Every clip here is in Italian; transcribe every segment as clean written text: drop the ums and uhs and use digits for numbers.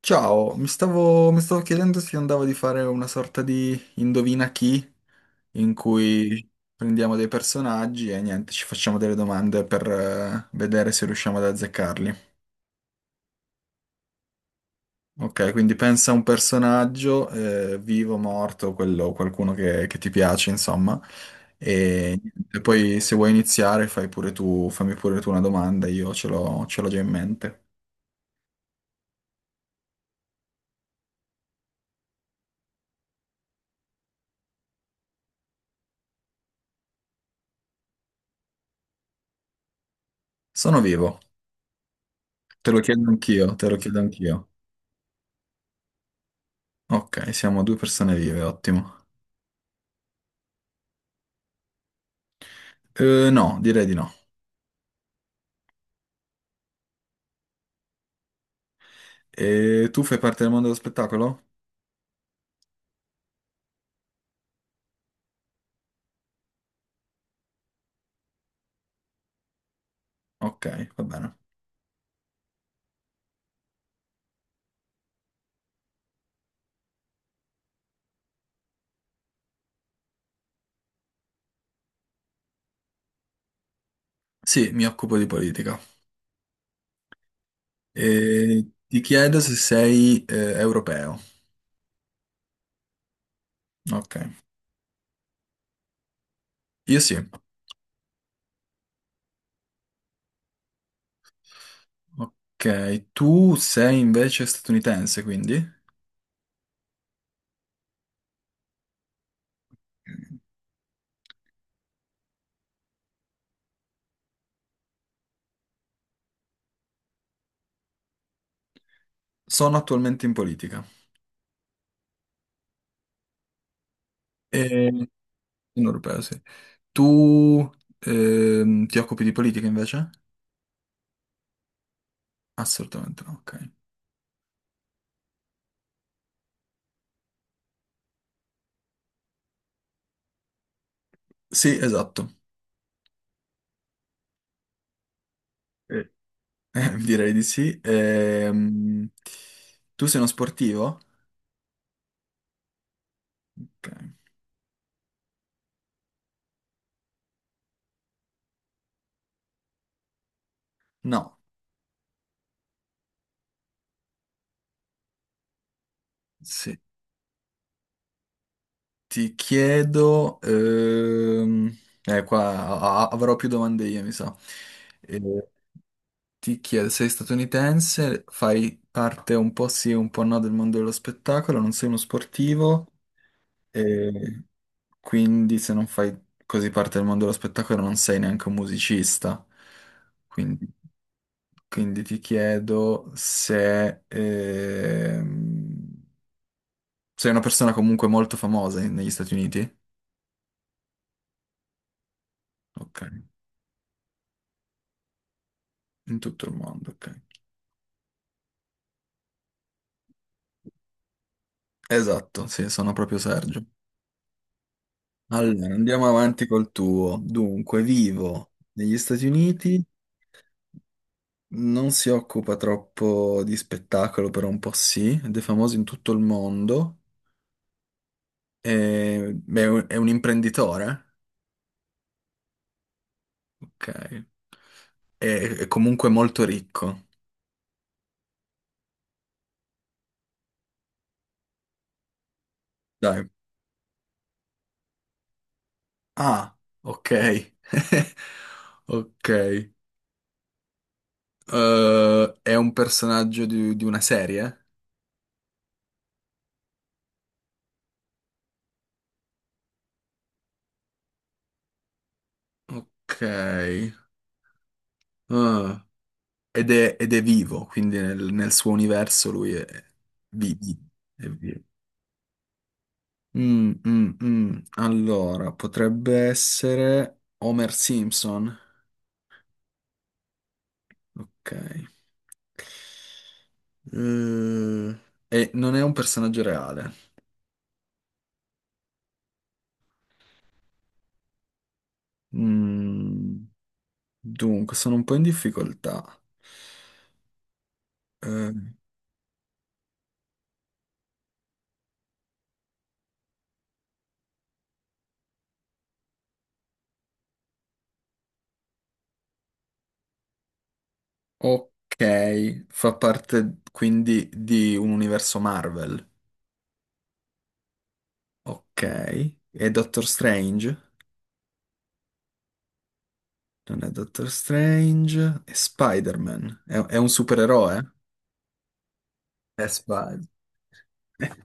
Ciao, mi stavo chiedendo se andavo di fare una sorta di indovina chi, in cui prendiamo dei personaggi e niente, ci facciamo delle domande per vedere se riusciamo ad azzeccarli. Ok, quindi pensa a un personaggio, vivo, morto, quello, qualcuno che ti piace, insomma, e, niente, poi se vuoi iniziare fai pure tu, fammi pure tu una domanda, io ce l'ho già in mente. Sono vivo, te lo chiedo anch'io, te lo chiedo anch'io. Ok, siamo due persone vive, ottimo. No, direi di no. E tu fai parte del mondo dello spettacolo? Ok, va bene. Sì, mi occupo di politica. E ti chiedo se sei europeo. Ok, io sì. Ok, tu sei invece statunitense, quindi? Sono attualmente in politica. E... Sono europeo, sì. Tu ti occupi di politica invece? Assolutamente no, ok. Sì, esatto. Direi di sì. Tu sei uno sportivo? Ok. No. Sì. Ti chiedo... qua avrò più domande io, mi sa. Eh, Ti chiedo, sei statunitense, fai parte un po' sì, un po' no del mondo dello spettacolo, non sei uno sportivo, eh, quindi se non fai così parte del mondo dello spettacolo non sei neanche un musicista. Quindi... Quindi ti chiedo se sei una persona comunque molto famosa negli Stati Uniti? Ok, in tutto il mondo, ok. Esatto, sì, sono proprio Sergio. Allora, andiamo avanti col tuo. Dunque, vivo negli Stati Uniti, non si occupa troppo di spettacolo, però un po' sì, ed è famoso in tutto il mondo, e- beh, è un imprenditore, ok, è comunque molto ricco. Dai. Ah, ok. Ok. È un personaggio di una serie? Ok. Ah. Ed è vivo, quindi nel suo universo lui è vivi. È vivo. Mm, mm, mm. Allora, potrebbe essere Homer Simpson. Ok. Eh, e non è un personaggio reale. Mm, dunque, sono un po' in difficoltà. Eh, Ok, fa parte quindi di un universo Marvel. Ok, e Doctor Strange? Non è Doctor Strange, è Spider-Man. È un supereroe? È Spider.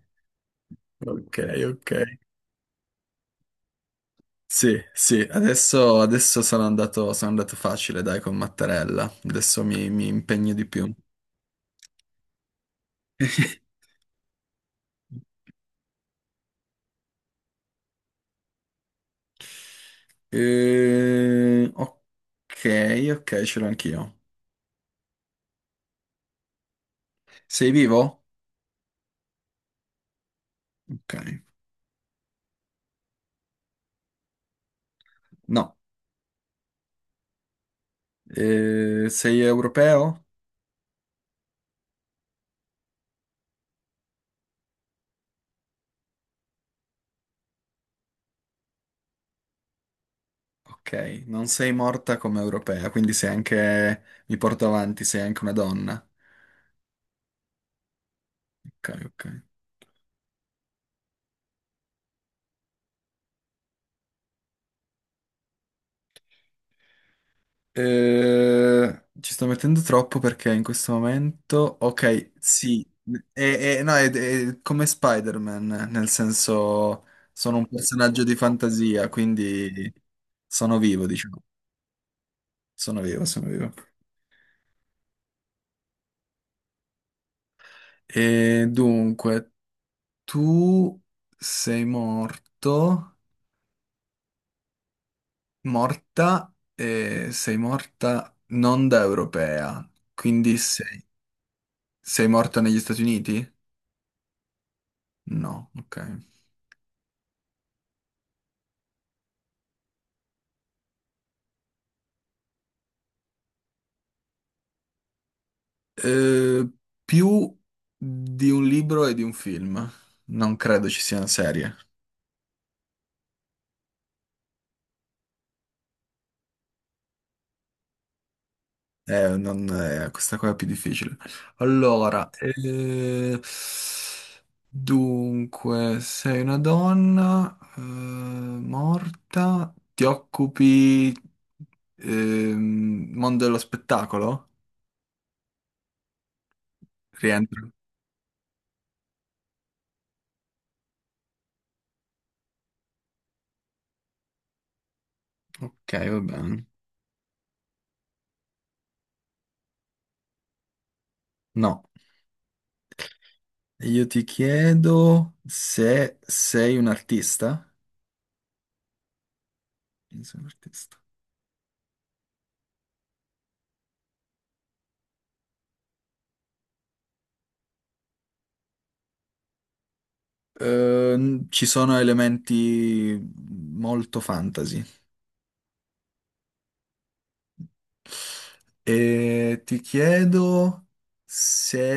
Ok, ok. Sì, sì, adesso sono andato facile, dai, con Mattarella. Adesso mi impegno di più. Ok, ok, ce l'ho anch'io. Sei vivo? Ok. No. Sei europeo? Ok, non sei morta come europea, quindi sei anche, mi porto avanti, sei anche una donna. Ok, ok. Ci sto mettendo troppo perché in questo momento, ok, sì, e- no, è come Spider-Man, nel senso sono un personaggio di fantasia, quindi sono vivo, diciamo, sono vivo, sono vivo. E dunque, tu sei morto. Morta, e sei morta non da europea, quindi sei, sei morta negli Stati Uniti? No, ok. Eh, più di un libro e di un film. Non credo ci sia una serie. Non, Questa qua è più difficile. Allora, dunque, sei una donna, morta, ti occupi, mondo dello spettacolo? Rientro. Ok, va bene. No. Io ti chiedo se sei un artista. Io sono un artista. Ci sono elementi molto fantasy. E ti chiedo se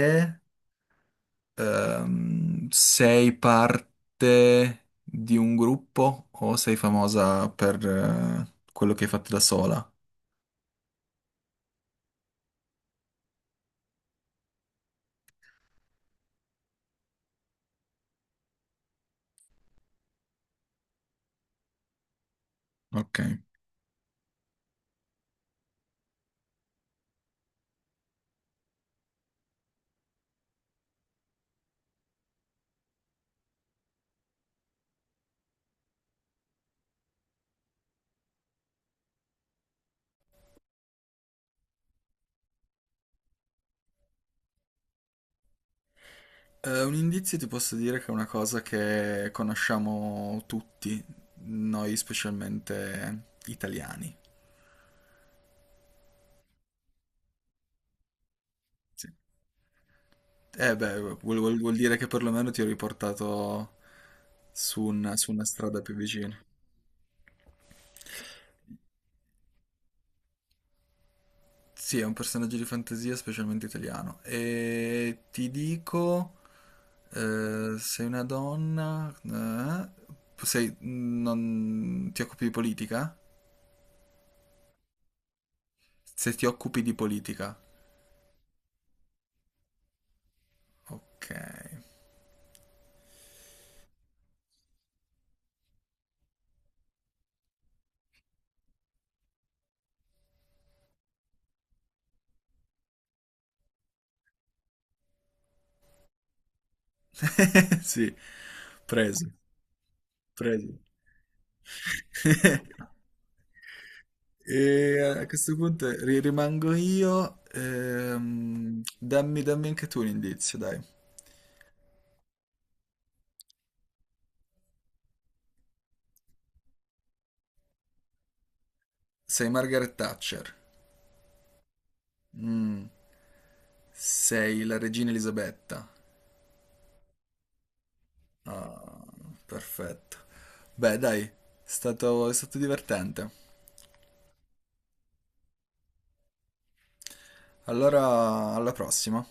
sei parte di un gruppo o sei famosa per quello che hai fatto da sola. Ok. Un indizio ti posso dire che è una cosa che conosciamo tutti, noi specialmente italiani. Sì. Eh beh, vuol dire che perlomeno ti ho riportato su su una strada più vicina. Sì, è un personaggio di fantasia, specialmente italiano. E ti dico, sei una donna, sei- non, ti occupi di politica? Se ti occupi di politica. Ok. Sì, preso, preso. E a questo punto rimango io. Dammi, dammi anche tu un indizio, dai. Sei Margaret Thatcher. Mm. Sei la regina Elisabetta. Ah, perfetto. Beh, dai, è stato divertente. Allora, alla prossima.